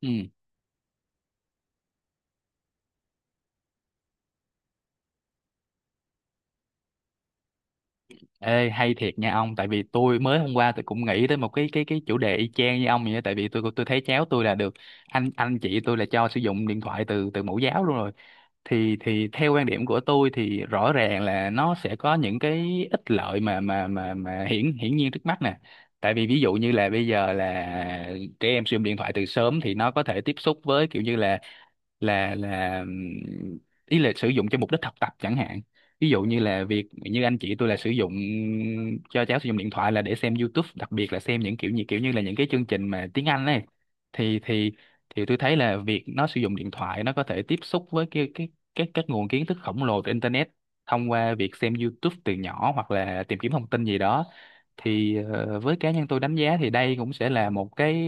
Ừ. Ê, hay thiệt nha ông. Tại vì tôi mới hôm qua tôi cũng nghĩ tới một cái chủ đề y chang như ông vậy á. Tại vì tôi thấy cháu tôi là được anh chị tôi là cho sử dụng điện thoại từ từ mẫu giáo luôn rồi. Thì theo quan điểm của tôi thì rõ ràng là nó sẽ có những cái ích lợi mà hiển hiển nhiên trước mắt nè. Tại vì ví dụ như là bây giờ là trẻ em sử dụng điện thoại từ sớm thì nó có thể tiếp xúc với kiểu như là ý là sử dụng cho mục đích học tập chẳng hạn. Ví dụ như là việc như anh chị tôi là sử dụng cho cháu sử dụng điện thoại là để xem YouTube, đặc biệt là xem những kiểu như là những cái chương trình mà tiếng Anh ấy. Thì thì thì tôi thấy là việc nó sử dụng điện thoại nó có thể tiếp xúc với cái các nguồn kiến thức khổng lồ từ internet thông qua việc xem YouTube từ nhỏ hoặc là tìm kiếm thông tin gì đó. Thì với cá nhân tôi đánh giá thì đây cũng sẽ là một cái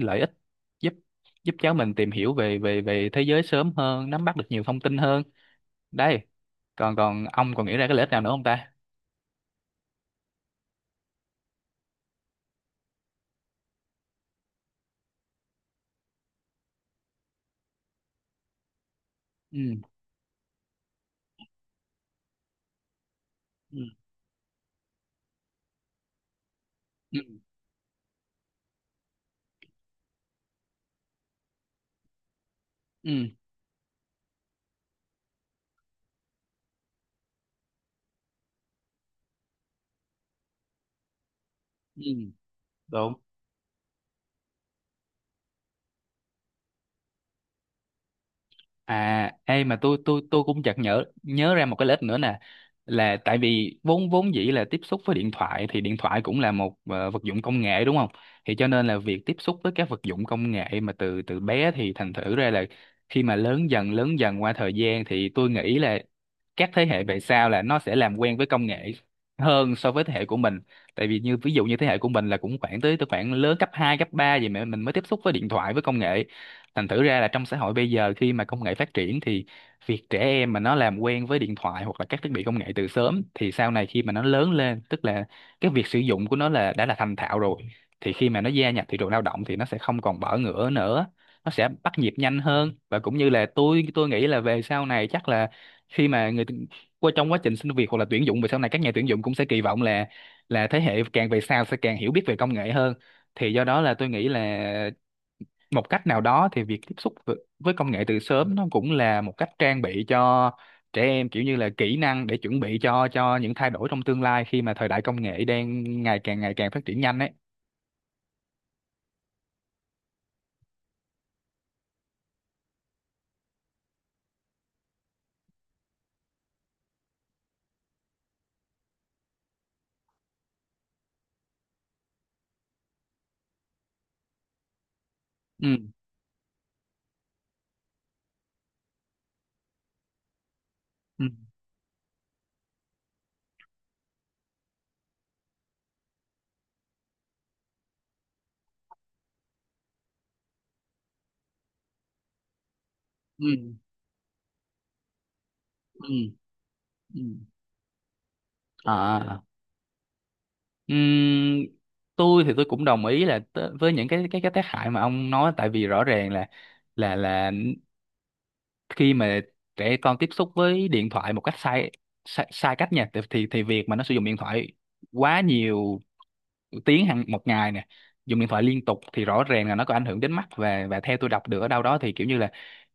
lợi ích, giúp giúp cháu mình tìm hiểu về về về thế giới sớm hơn, nắm bắt được nhiều thông tin hơn. Đây, còn còn ông còn nghĩ ra cái lợi ích nào nữa không ta? ừ ừ ừ ừ ừ. Đúng. À, ê, mà tôi cũng chợt nhớ nhớ ra một cái lợi ích nữa nè. Là tại vì vốn vốn dĩ là tiếp xúc với điện thoại thì điện thoại cũng là một vật dụng công nghệ đúng không, thì cho nên là việc tiếp xúc với các vật dụng công nghệ mà từ từ bé thì thành thử ra là khi mà lớn dần qua thời gian thì tôi nghĩ là các thế hệ về sau là nó sẽ làm quen với công nghệ hơn so với thế hệ của mình. Tại vì như ví dụ như thế hệ của mình là cũng khoảng tới tới khoảng lớn cấp 2 cấp 3 gì mà mình mới tiếp xúc với điện thoại với công nghệ. Thành thử ra là trong xã hội bây giờ khi mà công nghệ phát triển thì việc trẻ em mà nó làm quen với điện thoại hoặc là các thiết bị công nghệ từ sớm thì sau này khi mà nó lớn lên, tức là cái việc sử dụng của nó là đã là thành thạo rồi, thì khi mà nó gia nhập thị trường lao động thì nó sẽ không còn bỡ ngỡ nữa, nó sẽ bắt nhịp nhanh hơn. Và cũng như là tôi nghĩ là về sau này chắc là khi mà qua trong quá trình xin việc hoặc là tuyển dụng về sau này, các nhà tuyển dụng cũng sẽ kỳ vọng là thế hệ càng về sau sẽ càng hiểu biết về công nghệ hơn. Thì do đó là tôi nghĩ là một cách nào đó thì việc tiếp xúc với công nghệ từ sớm nó cũng là một cách trang bị cho trẻ em kiểu như là kỹ năng để chuẩn bị cho những thay đổi trong tương lai khi mà thời đại công nghệ đang ngày càng phát triển nhanh ấy. ừ ừ ừ ừ ừ à Ừm, tôi thì tôi cũng đồng ý là với những cái tác hại mà ông nói. Tại vì rõ ràng là là là khi mà trẻ con tiếp xúc với điện thoại một cách sai, sai cách nha, thì việc mà nó sử dụng điện thoại quá nhiều tiếng hàng một ngày nè, dùng điện thoại liên tục, thì rõ ràng là nó có ảnh hưởng đến mắt. Và theo tôi đọc được ở đâu đó thì kiểu như là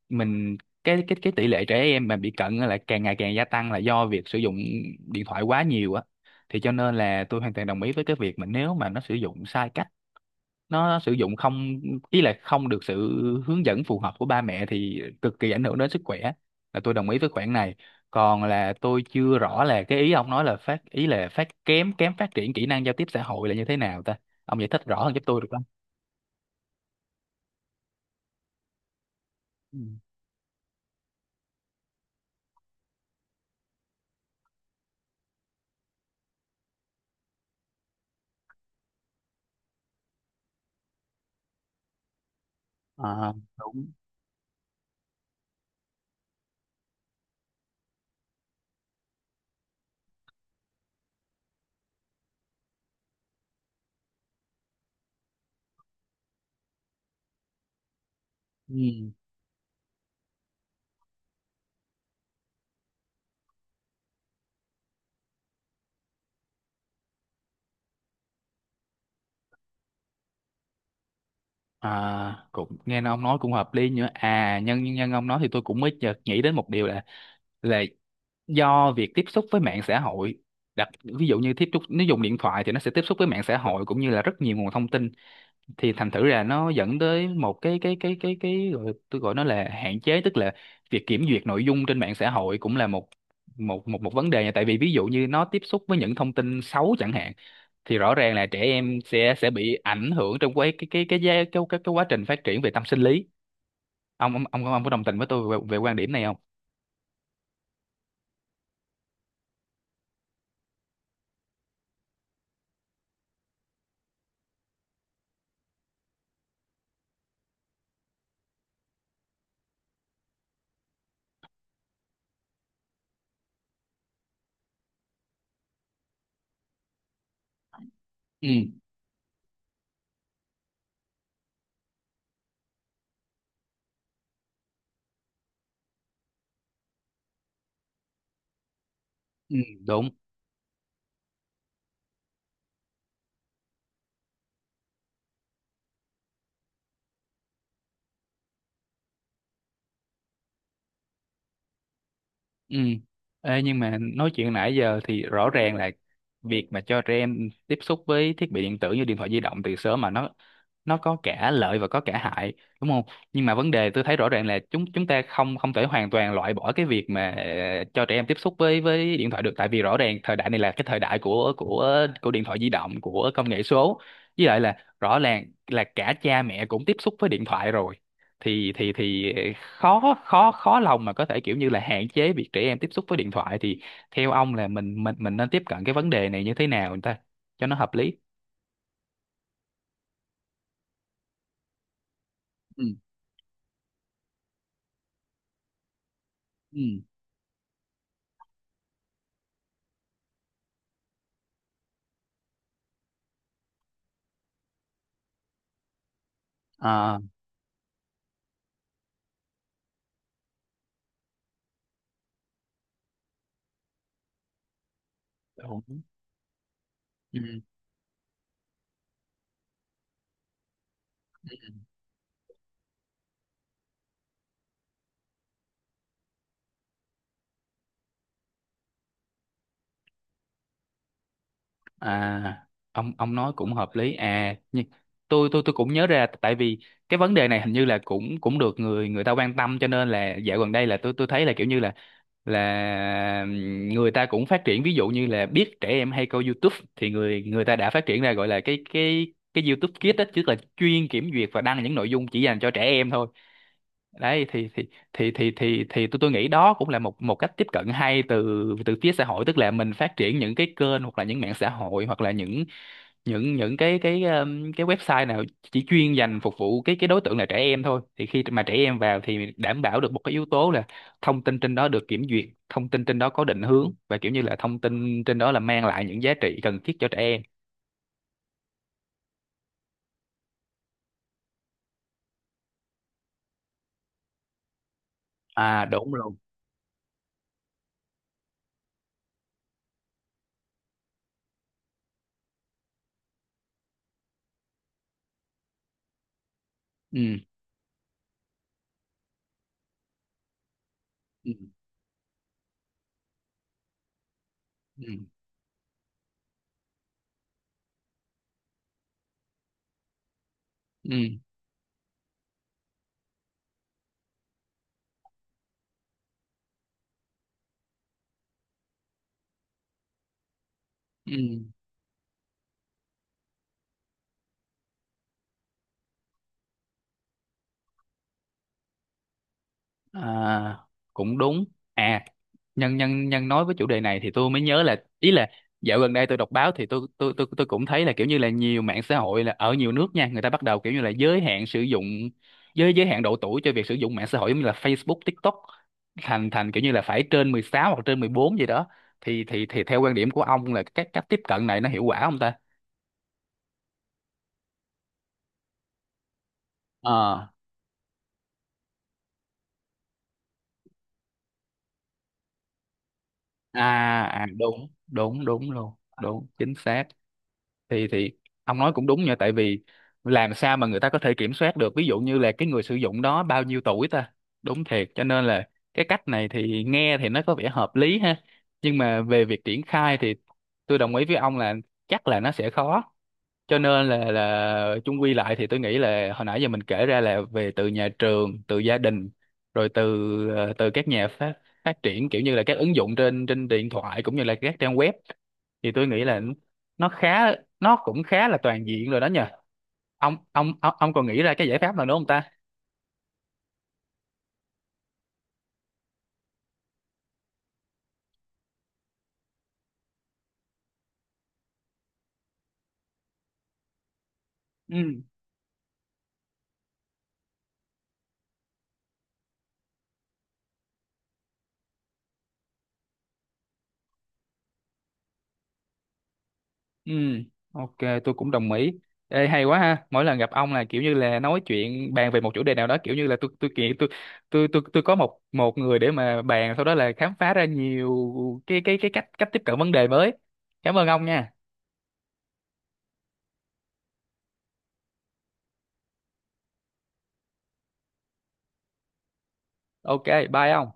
mình cái tỷ lệ trẻ em mà bị cận á là càng ngày càng gia tăng là do việc sử dụng điện thoại quá nhiều á. Thì cho nên là tôi hoàn toàn đồng ý với cái việc mà nếu mà nó sử dụng sai cách, nó sử dụng không ý là không được sự hướng dẫn phù hợp của ba mẹ thì cực kỳ ảnh hưởng đến sức khỏe. Là tôi đồng ý với khoản này. Còn là tôi chưa rõ là cái ý ông nói là ý là kém kém phát triển kỹ năng giao tiếp xã hội là như thế nào ta? Ông giải thích rõ hơn giúp tôi được không? Ừ. À, Đúng. Ừ. À, cũng nghe ông nói cũng hợp lý nữa. À, nhân nhân ông nói thì tôi cũng mới chợt nghĩ đến một điều là là do việc tiếp xúc với mạng xã hội, ví dụ như tiếp xúc nếu dùng điện thoại thì nó sẽ tiếp xúc với mạng xã hội cũng như là rất nhiều nguồn thông tin, thì thành thử là nó dẫn tới một cái gọi, tôi gọi nó là hạn chế. Tức là việc kiểm duyệt nội dung trên mạng xã hội cũng là một một một một vấn đề nha. Tại vì ví dụ như nó tiếp xúc với những thông tin xấu chẳng hạn, thì rõ ràng là trẻ em sẽ bị ảnh hưởng trong cái cái quá trình phát triển về tâm sinh lý. Ông có đồng tình với tôi về, về quan điểm này không? ừ ừ Đúng. Ừ. Ê, nhưng mà nói chuyện nãy giờ thì rõ ràng là việc mà cho trẻ em tiếp xúc với thiết bị điện tử như điện thoại di động từ sớm, mà nó có cả lợi và có cả hại, đúng không? Nhưng mà vấn đề tôi thấy rõ ràng là chúng chúng ta không không thể hoàn toàn loại bỏ cái việc mà cho trẻ em tiếp xúc với điện thoại được. Tại vì rõ ràng thời đại này là cái thời đại của điện thoại di động, của công nghệ số. Với lại là rõ ràng là cả cha mẹ cũng tiếp xúc với điện thoại rồi, thì khó khó khó lòng mà có thể kiểu như là hạn chế việc trẻ em tiếp xúc với điện thoại. Thì theo ông là mình nên tiếp cận cái vấn đề này như thế nào người ta cho nó hợp lý? ừ ừ à Đúng. Ừ. À, ông nói cũng hợp lý. À, nhưng tôi tôi cũng nhớ ra, tại vì cái vấn đề này hình như là cũng cũng được người người ta quan tâm, cho nên là dạo gần đây là tôi thấy là kiểu như là là người ta cũng phát triển, ví dụ như là biết trẻ em hay coi YouTube thì người người ta đã phát triển ra gọi là cái YouTube Kids á, chứ là chuyên kiểm duyệt và đăng những nội dung chỉ dành cho trẻ em thôi. Đấy, thì tôi nghĩ đó cũng là một một cách tiếp cận hay từ từ phía xã hội. Tức là mình phát triển những cái kênh hoặc là những mạng xã hội hoặc là những những cái website nào chỉ chuyên dành phục vụ cái đối tượng là trẻ em thôi, thì khi mà trẻ em vào thì đảm bảo được một cái yếu tố là thông tin trên đó được kiểm duyệt, thông tin trên đó có định hướng, và kiểu như là thông tin trên đó là mang lại những giá trị cần thiết cho trẻ em. À đúng luôn ừ ừ ừ ừ ừ À, cũng đúng. À, nhân nhân nhân nói với chủ đề này thì tôi mới nhớ là ý là dạo gần đây tôi đọc báo thì tôi tôi cũng thấy là kiểu như là nhiều mạng xã hội là ở nhiều nước nha, người ta bắt đầu kiểu như là giới hạn độ tuổi cho việc sử dụng mạng xã hội giống như là Facebook, TikTok, thành thành kiểu như là phải trên 16 hoặc trên 14 gì đó. Thì theo quan điểm của ông là cách cách tiếp cận này nó hiệu quả không ta? Ờ. À, À, đúng, đúng luôn. Đúng, chính xác. Thì Ông nói cũng đúng nha. Tại vì làm sao mà người ta có thể kiểm soát được ví dụ như là cái người sử dụng đó bao nhiêu tuổi ta? Đúng thiệt. Cho nên là cái cách này thì nghe thì nó có vẻ hợp lý ha, nhưng mà về việc triển khai thì tôi đồng ý với ông là chắc là nó sẽ khó. Cho nên là chung quy lại thì tôi nghĩ là hồi nãy giờ mình kể ra là về từ nhà trường, từ gia đình, rồi từ từ các nhà phát phát triển kiểu như là các ứng dụng trên trên điện thoại cũng như là các trang web, thì tôi nghĩ là nó khá nó cũng khá là toàn diện rồi đó nhờ. Ông còn nghĩ ra cái giải pháp nào nữa không ta? Ừ. Ừ, ok, tôi cũng đồng ý. Ê, hay quá ha. Mỗi lần gặp ông là kiểu như là nói chuyện bàn về một chủ đề nào đó, kiểu như là tôi tôi có một một người để mà bàn, sau đó là khám phá ra nhiều cái cách cách tiếp cận vấn đề mới. Cảm ơn ông nha. Ok, bye ông.